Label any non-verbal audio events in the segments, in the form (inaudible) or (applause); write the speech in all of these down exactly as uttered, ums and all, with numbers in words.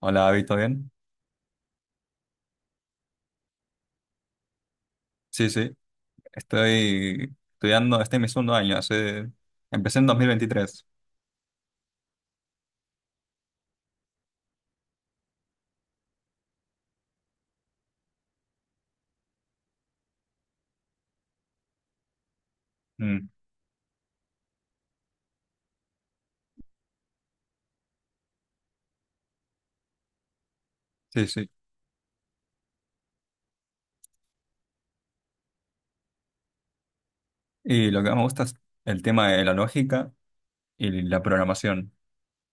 Hola, David, ¿todo bien? Sí, sí, estoy estudiando, este es mi segundo año, hace, empecé en dos mil veintitrés. Mm, sí, sí. Y lo que más me gusta es el tema de la lógica y la programación.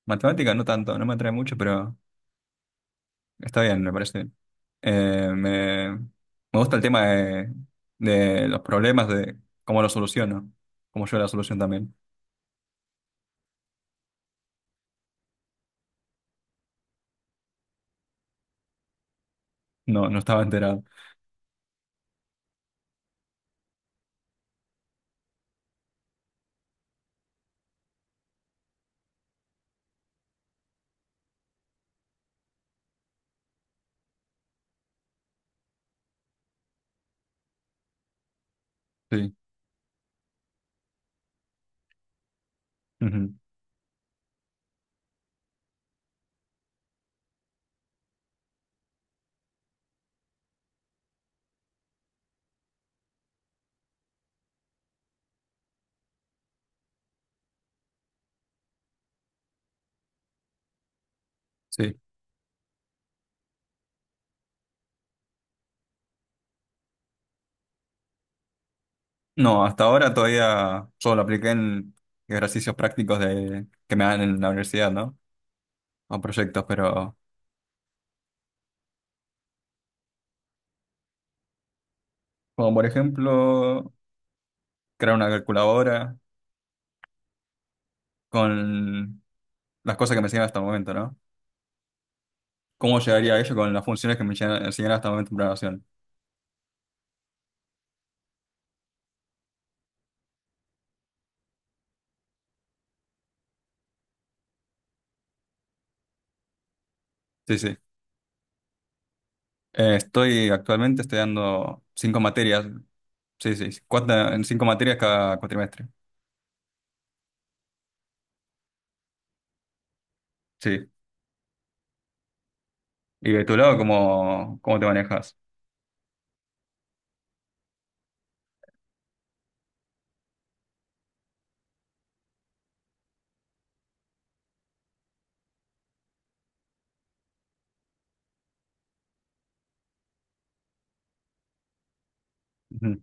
Matemática no tanto, no me atrae mucho, pero está bien, me parece bien. Eh, me, me gusta el tema de, de los problemas, de cómo los soluciono, cómo yo la solución también. No, no estaba enterado. Sí, ujú, sí. No, hasta ahora todavía solo apliqué en ejercicios prácticos de, que me dan en la universidad, ¿no? O proyectos, pero como por ejemplo crear una calculadora con las cosas que me enseñan hasta el momento, ¿no? ¿Cómo llegaría a ello con las funciones que me enseñan enseñan hasta el momento en programación? Sí, sí. Eh, estoy actualmente estoy dando cinco materias, sí, sí, sí, cuatro, en cinco materias cada cuatrimestre, sí. ¿Y de tu lado cómo, cómo te manejas? Ujú,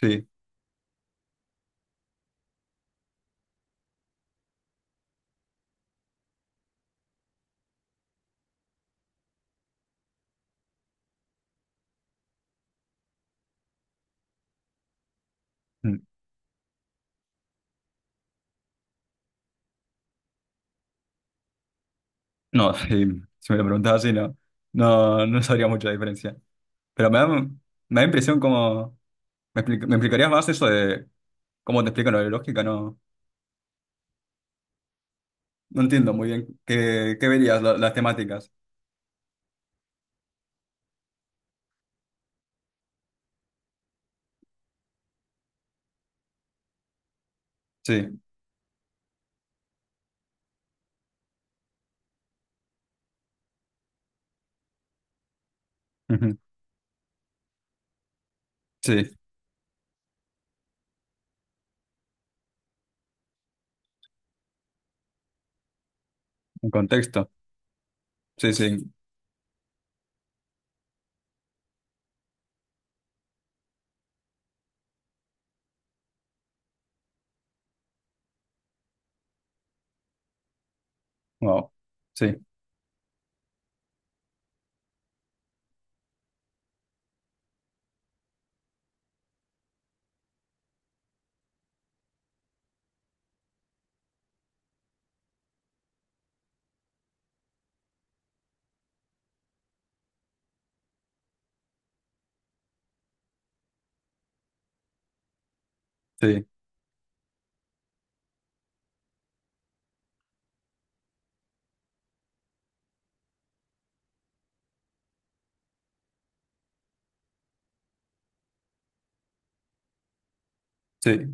sí. No, (laughs) si, si me lo preguntabas así, no, no, no sabría mucho la diferencia. Pero me da, me da impresión como. ¿Me, expli- me explicarías más eso de cómo te explican lo de lógica? No, no entiendo muy bien qué, qué verías, la- las temáticas. Sí, ujú, sí, un contexto. Sí, sí, wow. Sí, sí, sí. Eh,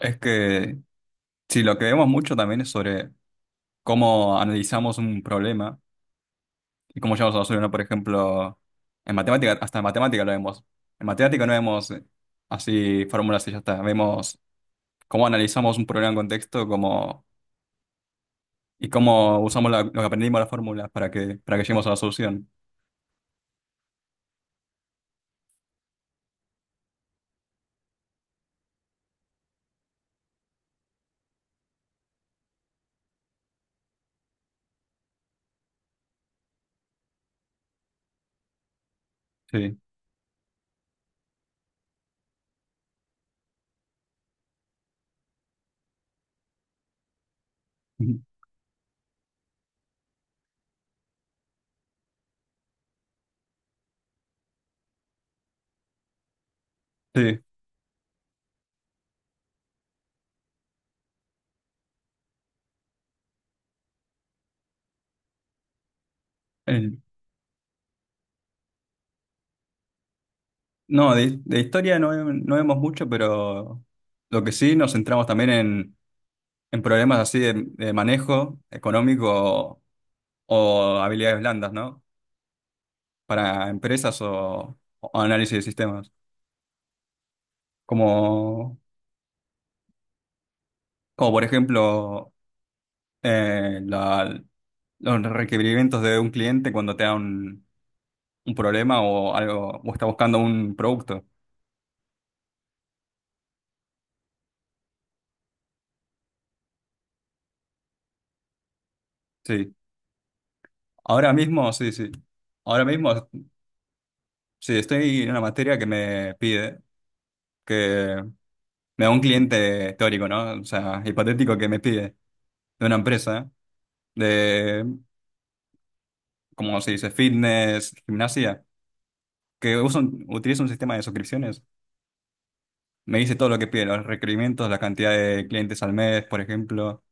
Es que, sí, lo que vemos mucho también es sobre cómo analizamos un problema. ¿Y cómo llegamos a la solución? Por ejemplo, en matemática, hasta en matemática lo vemos. En matemática no vemos eh, así fórmulas y ya está. Vemos cómo analizamos un problema en contexto, cómo, y cómo usamos la- lo que aprendimos de las fórmulas para que, para que, lleguemos a la solución. Sí. (laughs) Sí. El- no, de, de historia no, ve- no vemos mucho, pero lo que sí nos centramos también en, en problemas así de, de manejo económico o habilidades blandas, ¿no? Para empresas o o análisis de sistemas. como, como por ejemplo eh, la- los requerimientos de un cliente cuando te da un, un problema o algo, o está buscando un producto. Sí. Ahora mismo, sí, sí. Ahora mismo, sí, estoy en una materia que me pide, que me da un cliente teórico, ¿no? O sea, hipotético que me pide de una empresa de, como se dice, fitness, gimnasia, que usa un- utiliza un sistema de suscripciones. Me dice todo lo que pide, los requerimientos, la cantidad de clientes al mes, por ejemplo,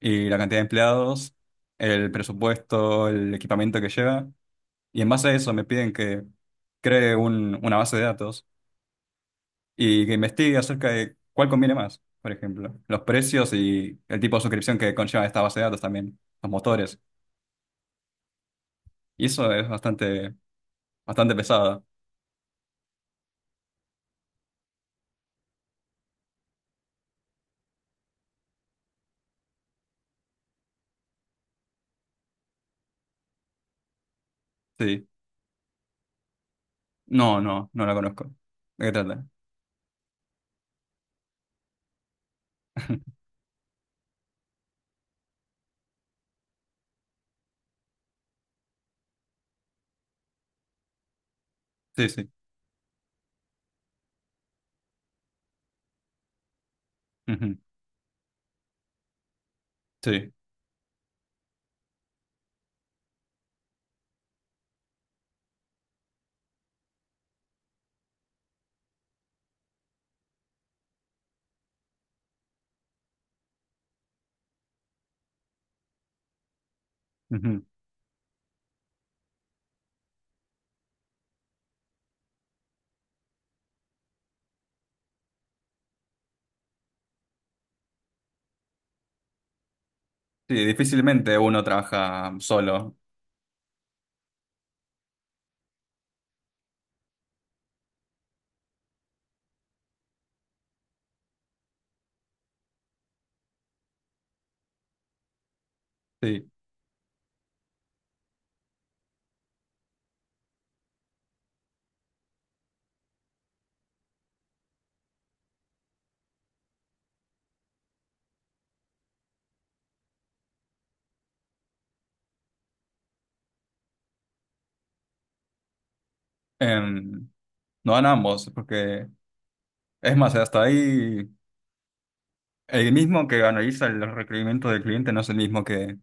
y la cantidad de empleados, el presupuesto, el equipamiento que lleva. Y en base a eso me piden que cree un- una base de datos y que investigue acerca de cuál conviene más, por ejemplo, los precios y el tipo de suscripción que conlleva esta base de datos también, los motores. Y eso es bastante, bastante pesado. Sí. No, no, no la conozco. ¿De qué trata? (laughs) Sí, sí. Ujú. Sí. Sí, difícilmente uno trabaja solo. Sí. Em, no van ambos, porque es más, hasta ahí el mismo que analiza los requerimientos del cliente no es el mismo que,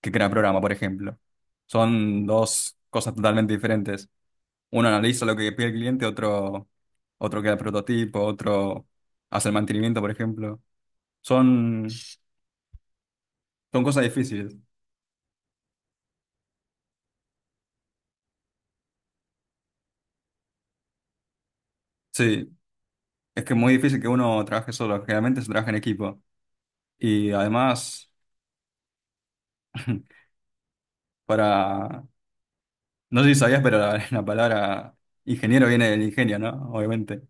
que crea programa, por ejemplo. Son dos cosas totalmente diferentes. Uno analiza lo que pide el cliente, otro, otro crea el prototipo, otro hace el mantenimiento, por ejemplo. Son, son cosas difíciles. Sí, es que es muy difícil que uno trabaje solo. Generalmente se trabaja en equipo. Y además, (laughs) para, no sé si sabías, pero la, (laughs) la palabra ingeniero viene del ingenio, ¿no? Obviamente.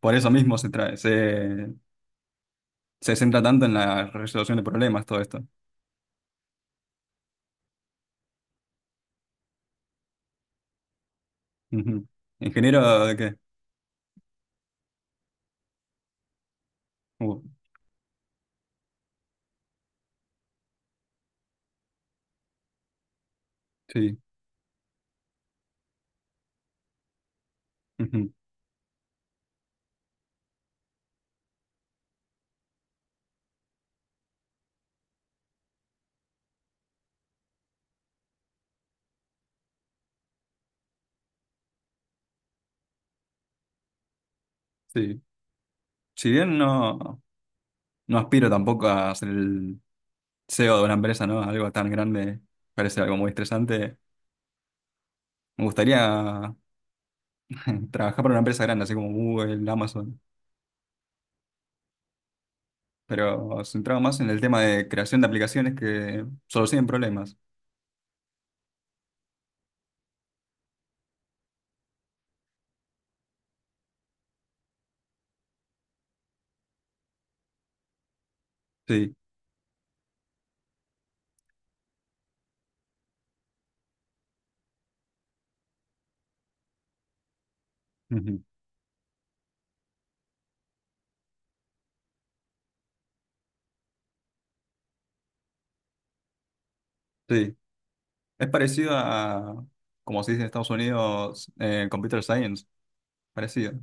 Por eso mismo se trae, se, se centra tanto en la resolución de problemas, todo esto. Ujú. ¿Ingeniero de qué? Uh, sí, ujú, sí. Si bien no, no, aspiro tampoco a ser el C E O de una empresa, ¿no? Algo tan grande, parece algo muy estresante. Me gustaría (laughs) trabajar para una empresa grande, así como Google, Amazon, pero centrado más en el tema de creación de aplicaciones que solucionen problemas. Sí, ujú, sí. Es parecido a, como se dice en Estados Unidos, eh, Computer Science. Parecido.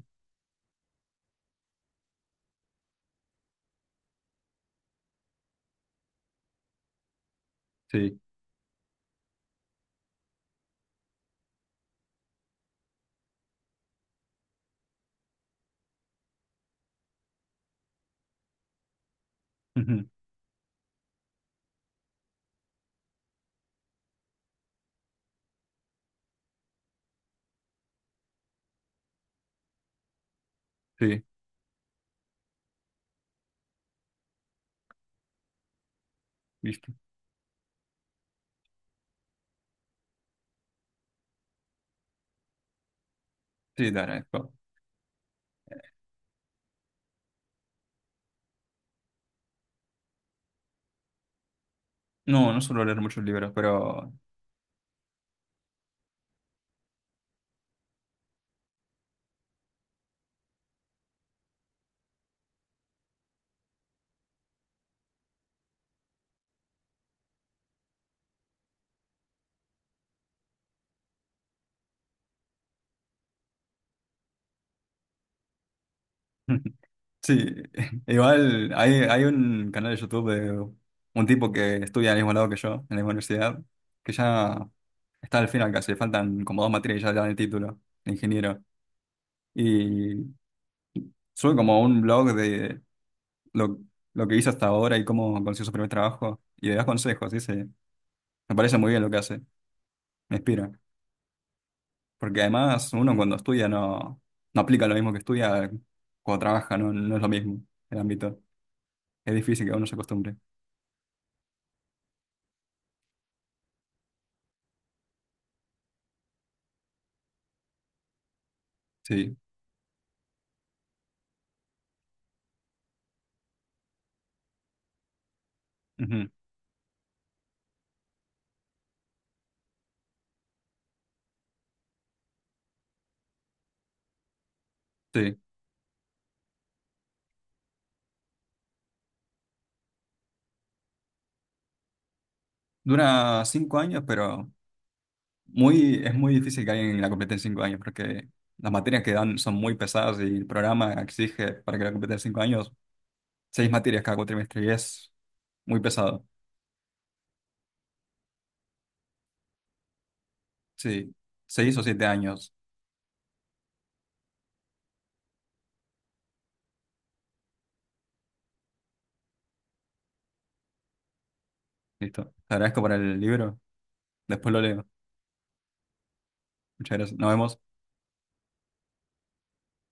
Sí, ujú, sí, listo. Sí, te agradezco. No, no suelo leer muchos libros, pero (laughs) sí. (laughs) Igual hay, hay un canal de YouTube de un tipo que estudia al mismo lado que yo, en la misma universidad, que ya está al final casi, le faltan como dos materias y ya le dan el título de ingeniero. Y sube como un blog de lo, lo que hizo hasta ahora y cómo consiguió su primer trabajo y le das consejos, dice, me parece muy bien lo que hace, me inspira. Porque además uno cuando estudia no, no, aplica lo mismo que estudia cuando trabaja, no, no es lo mismo el ámbito. Es difícil que uno se acostumbre. Sí, ujú, sí. Dura cinco años, pero muy, es muy difícil que alguien la complete en cinco años porque las materias que dan son muy pesadas y el programa exige para que la complete en cinco años seis materias cada cuatrimestre y es muy pesado. Sí, seis o siete años. Listo. Te agradezco por el libro. Después lo leo. Muchas gracias. Nos vemos.